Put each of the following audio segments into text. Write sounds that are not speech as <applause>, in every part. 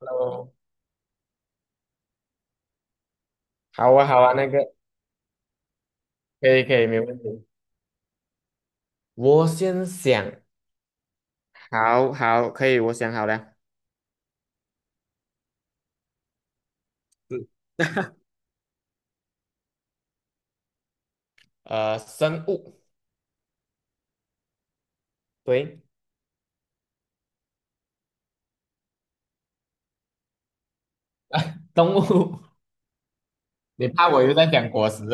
哦，好啊，好啊，那个可以，可以，没问题。我先想，好好，可以，我想好了。是 <laughs> 生物，对，动物，<laughs> 你怕我又在讲果实？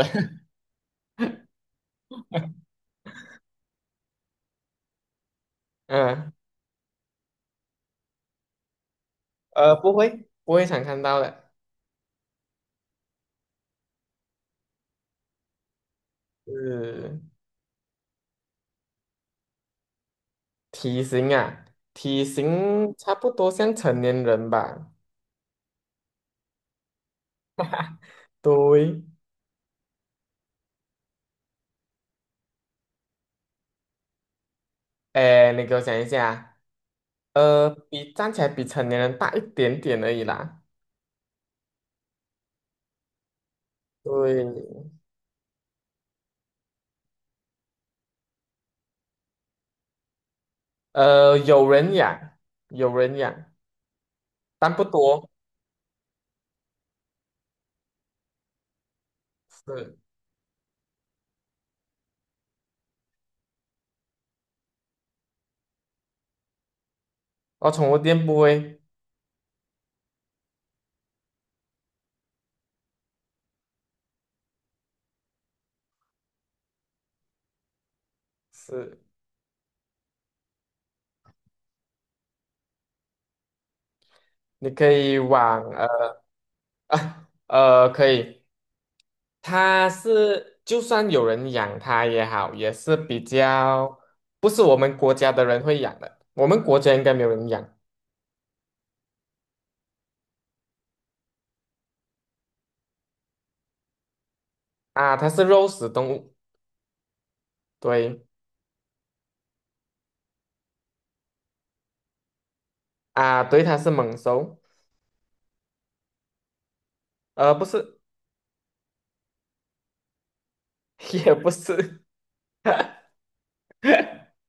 <laughs> 嗯，不会常看到的。是体型啊，体型差不多像成年人吧。<laughs> 对，哎，你给我想一下啊比站起来比成年人大一点点而已啦。对，有人养，有人养，但不多。是，哦，宠物店不会。是，你可以往可以。它是就算有人养它也好，也是比较不是我们国家的人会养的。我们国家应该没有人养啊。它是肉食动物，对啊，对，它是猛兽，不是，<laughs> 也不是，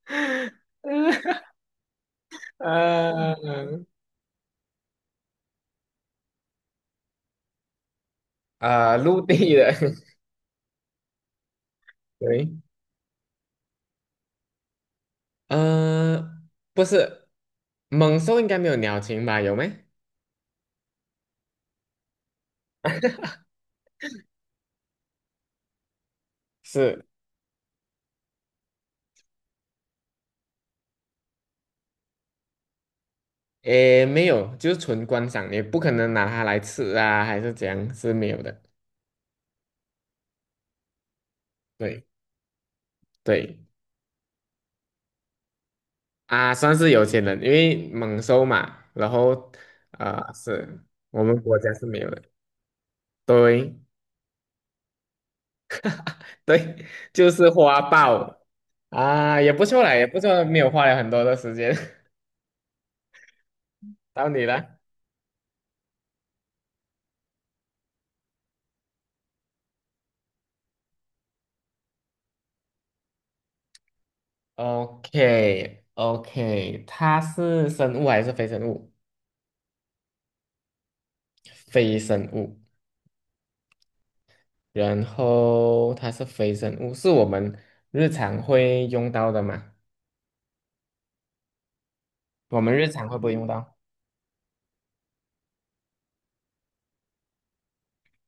<laughs> 呃陆地的，<laughs> 对。呃，不是，猛兽应该没有鸟禽吧？有没？是诶，没有，就是纯观赏，也不可能拿它来吃啊，还是怎样，是没有的。对，对，啊，算是有钱人，因为猛兽嘛，然后，啊、是我们国家是没有的。对 <laughs>，对，就是花豹啊，也不错啦，也不错，没有花了很多的时间。<laughs> 到你了 o k o k 它是生物还是非生物？非生物，然后它是非生物，是我们日常会用到的嘛？我们日常会不会用到？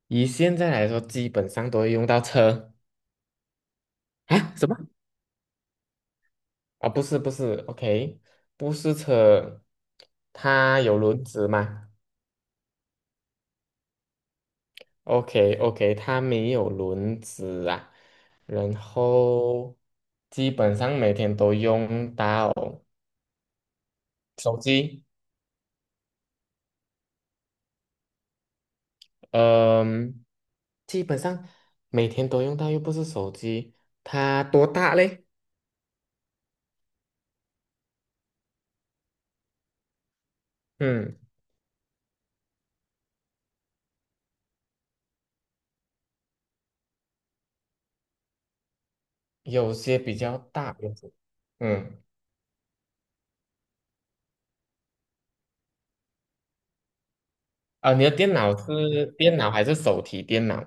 以现在来说，基本上都会用到车啊？什么？啊，不是不是，OK，不是车，它有轮子吗？OK OK，它没有轮子啊，然后基本上每天都用到手机。嗯，基本上每天都用到，又不是手机，它多大嘞？嗯，有些比较大，有些嗯，啊，你的电脑是电脑还是手提电脑？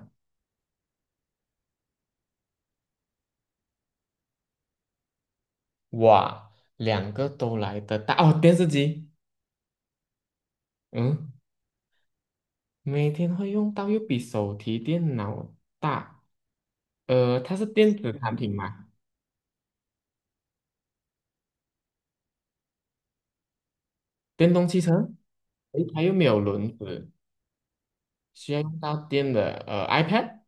哇，两个都来得大哦，电视机，嗯，每天会用到，又比手提电脑大，它是电子产品嘛？电动汽车，诶，它又没有轮子，需要用到电的，iPad。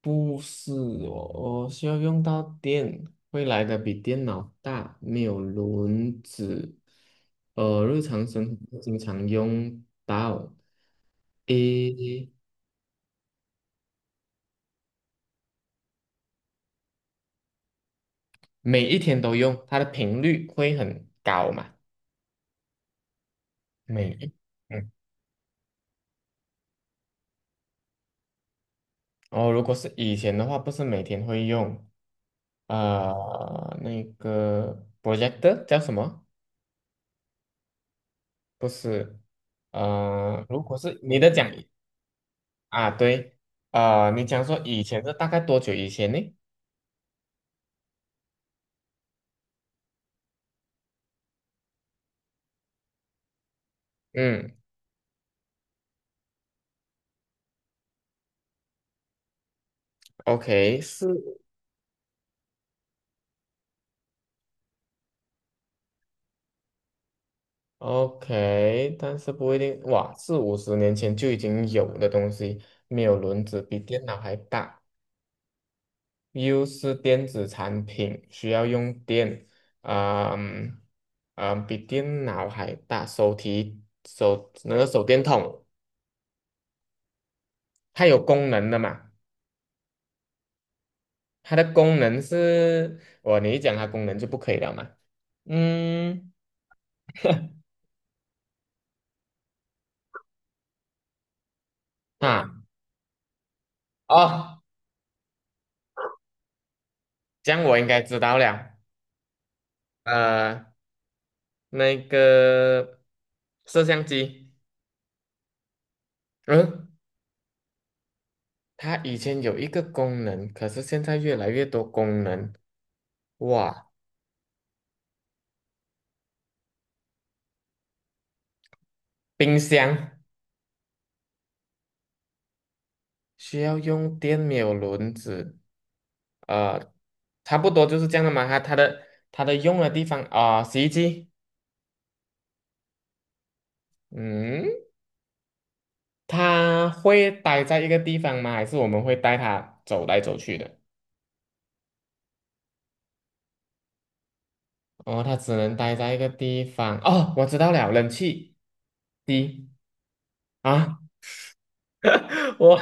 不是哦，我需要用到电，会来的比电脑大，没有轮子，日常生活经常用到，诶，每一天都用，它的频率会很高嘛？每一，嗯，哦，如果是以前的话，不是每天会用，那个 projector 叫什么？不是，如果是你的讲啊，对，啊、你讲说以前是大概多久以前呢？嗯，OK，是 OK，但是不一定，哇，四五十年前就已经有的东西，没有轮子，比电脑还大，又是电子产品，需要用电，啊、比电脑还大，手提手那个手电筒，它有功能的嘛？它的功能是，你一讲它功能就不可以了嘛？嗯。啊。哦，这样我应该知道了。呃，那个摄像机，嗯，它以前有一个功能，可是现在越来越多功能。哇，冰箱需要用电，没有轮子，呃，差不多就是这样的嘛。它的用的地方啊，洗衣机，嗯，它会待在一个地方吗？还是我们会带它走来走去的？哦，它只能待在一个地方。哦，我知道了，冷气机啊，<laughs> 我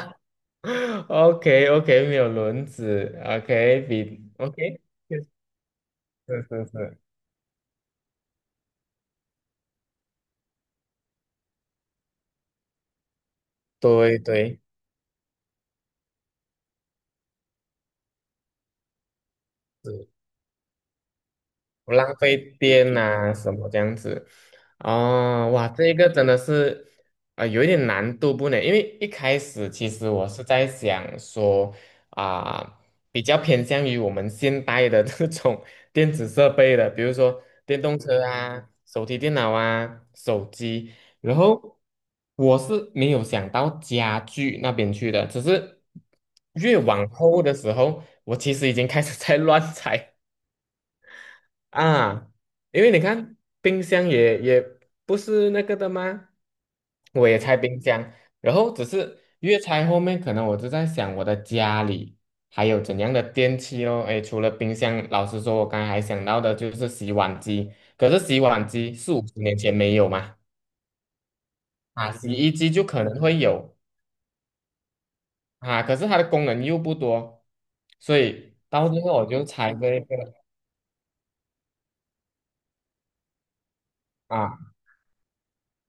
<laughs> OK OK，没有轮子，OK 比 OK，是是是，对对。不浪费电啊，什么这样子。哦，哇，这一个真的是，啊，有一点难度不呢？因为一开始其实我是在想说，啊、比较偏向于我们现代的这种 <laughs> 电子设备的，比如说电动车啊、手提电脑啊、手机。然后我是没有想到家具那边去的，只是越往后的时候，我其实已经开始在 <laughs> 乱猜啊，因为你看冰箱也不是那个的吗？我也拆冰箱，然后只是越拆后面，可能我就在想我的家里还有怎样的电器咯。诶，除了冰箱，老实说，我刚才还想到的就是洗碗机，可是洗碗机四五十年前没有嘛，啊，洗衣机就可能会有啊，可是它的功能又不多，所以到最后我就拆这一个。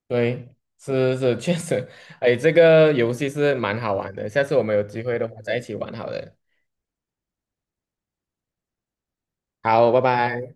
对，是是，确实，哎，这个游戏是蛮好玩的，下次我们有机会的话再一起玩好了。好，拜拜。